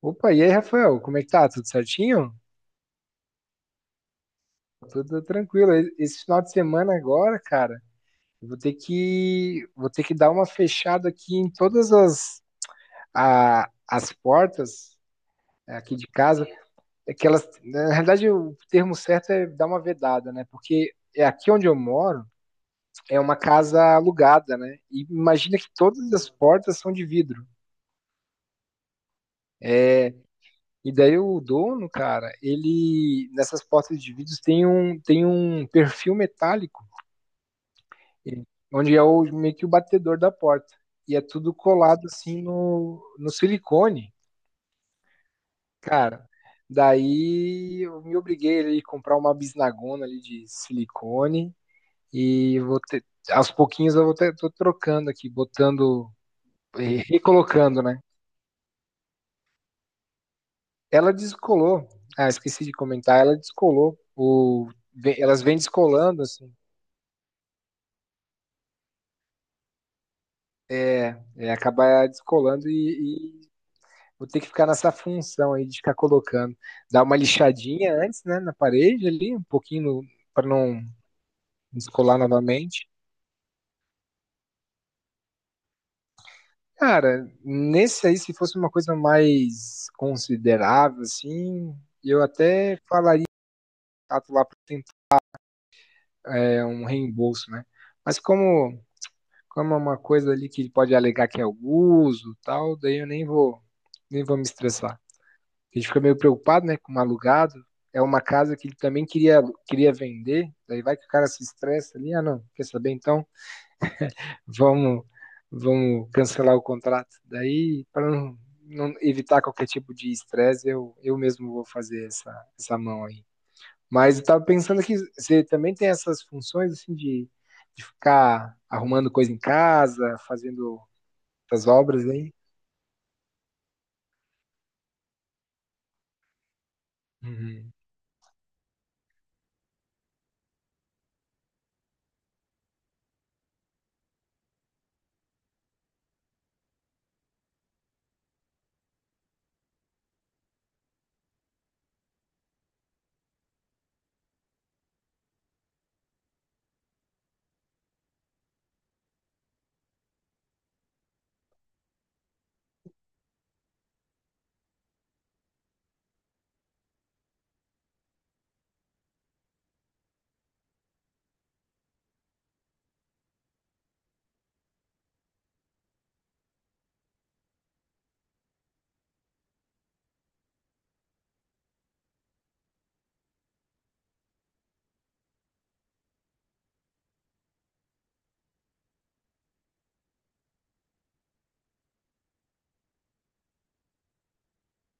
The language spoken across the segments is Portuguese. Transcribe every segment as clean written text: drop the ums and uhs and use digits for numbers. Opa, e aí, Rafael, como é que tá? Tudo certinho? Tudo tranquilo. Esse final de semana agora, cara, eu vou ter que dar uma fechada aqui em todas as as portas é, aqui de casa. É que elas, na realidade, o termo certo é dar uma vedada, né? Porque é aqui onde eu moro é uma casa alugada, né? E imagina que todas as portas são de vidro. E daí o dono, cara, ele nessas portas de vidro tem um perfil metálico. E- Onde é o, meio que o batedor da porta. E é tudo colado assim no silicone, cara. Daí eu me obriguei ali a comprar uma bisnagona ali de silicone e vou ter, aos pouquinhos eu vou ter, tô trocando aqui, botando, recolocando, né? Ela descolou. Ah, esqueci de comentar, ela descolou. O, elas vêm descolando, assim, acaba descolando e, vou ter que ficar nessa função aí de ficar colocando. Dar uma lixadinha antes, né, na parede ali, um pouquinho para não descolar novamente. Cara, nesse aí, se fosse uma coisa mais considerável, assim, eu até falaria lá para tentar um reembolso, né? Mas como, como é uma coisa ali que ele pode alegar que é o uso e tal, daí eu nem vou, nem vou me estressar. A gente fica meio preocupado, né, com o alugado. É uma casa que ele também queria vender. Daí vai que o cara se estressa ali. Ah, não, quer saber? Então, vamos, vamos cancelar o contrato. Daí, para não evitar qualquer tipo de estresse, eu mesmo vou fazer essa mão aí. Mas eu tava pensando que você também tem essas funções assim de ficar arrumando coisa em casa, fazendo essas obras aí. Uhum.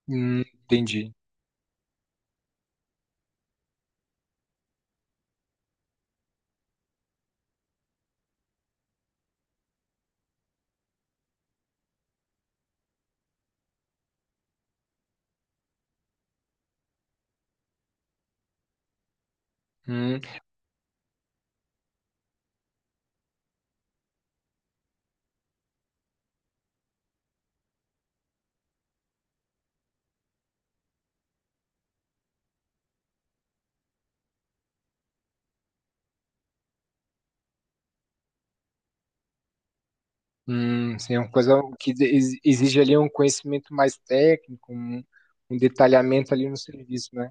Entendi. Hum. Sim, é uma coisa que exige ali um conhecimento mais técnico, um detalhamento ali no serviço, né?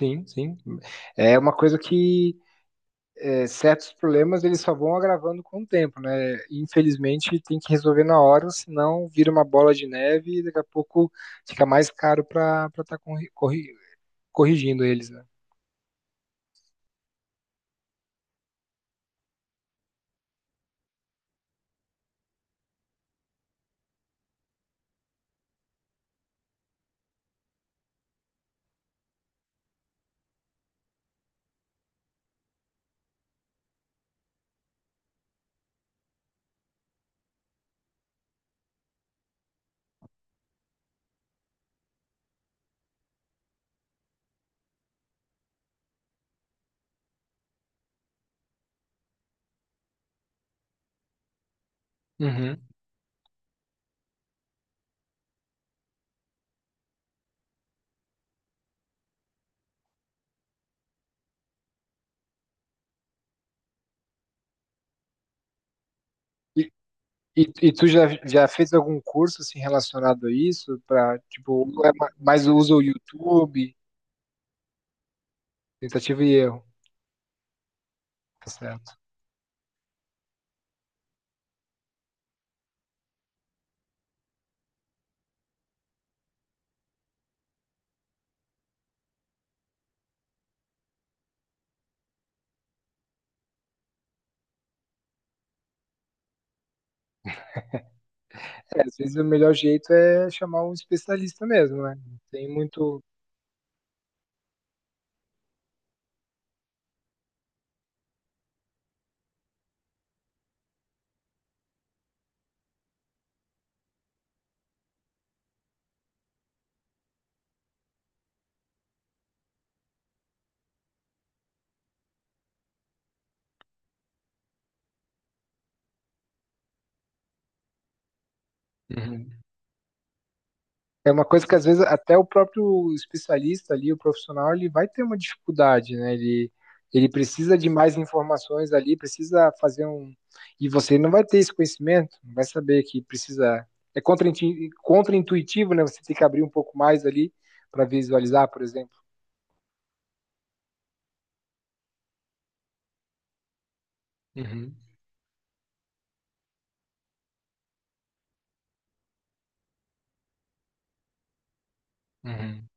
Sim, sim. É uma coisa que é, certos problemas eles só vão agravando com o tempo, né? Infelizmente tem que resolver na hora, senão vira uma bola de neve e daqui a pouco fica mais caro para estar corrigindo eles, né? Uhum. E, e tu já fez algum curso assim, relacionado a isso? Para tipo, ou é mais usa o YouTube, tentativa e erro? Tá certo. É, às vezes o melhor jeito é chamar um especialista mesmo, né? Não tem muito. Uhum. É uma coisa que às vezes até o próprio especialista ali, o profissional, ele vai ter uma dificuldade, né? Ele precisa de mais informações ali, precisa fazer um. E você não vai ter esse conhecimento, não vai saber que precisa. É contraintuitivo, né? Você tem que abrir um pouco mais ali para visualizar, por exemplo. Uhum. Uhum.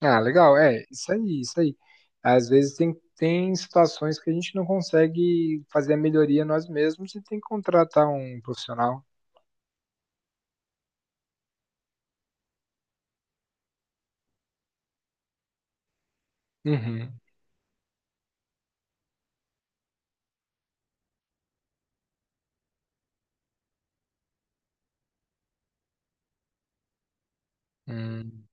Ah, legal. É, isso aí, isso aí. Às vezes tem situações que a gente não consegue fazer a melhoria nós mesmos e tem que contratar um profissional. Uhum. Hum.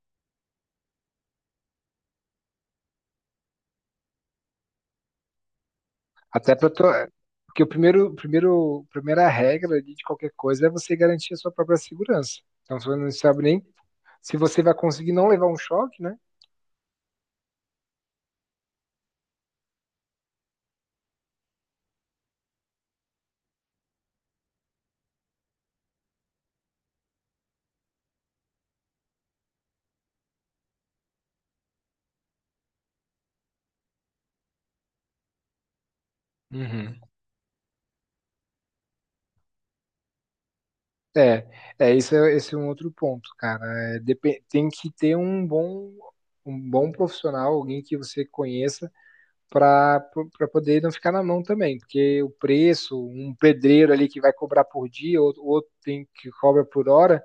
Até para to... Porque o primeiro, primeira regra ali de qualquer coisa é você garantir a sua própria segurança. Então você não sabe nem se você vai conseguir não levar um choque, né? Uhum. É, esse é um outro ponto, cara. É, tem que ter um bom profissional, alguém que você conheça para poder não ficar na mão também, porque o preço, um pedreiro ali que vai cobrar por dia, outro tem que cobra por hora,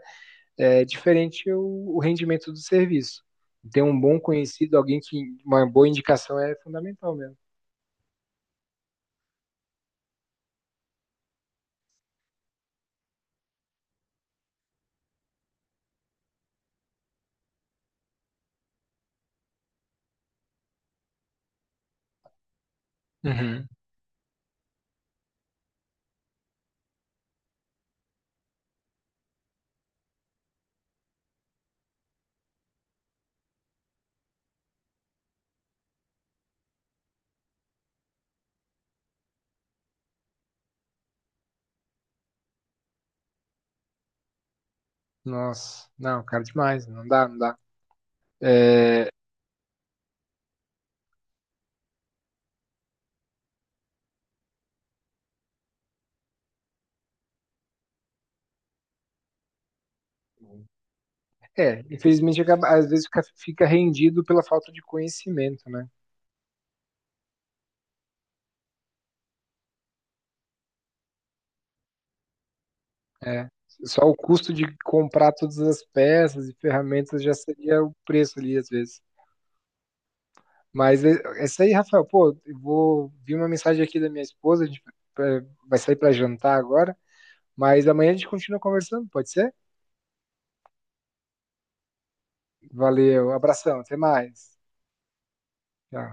é diferente o rendimento do serviço. Ter um bom conhecido, alguém que uma boa indicação é fundamental mesmo. Uhum. Nossa, não, cara, demais, não dá. É, infelizmente às vezes fica rendido pela falta de conhecimento, né? É. Só o custo de comprar todas as peças e ferramentas já seria o preço ali, às vezes. Mas é isso aí, Rafael. Pô, eu vou vi uma mensagem aqui da minha esposa, a gente eh, vai sair para jantar agora, mas amanhã a gente continua conversando, pode ser? Valeu, abração, até mais. Tchau.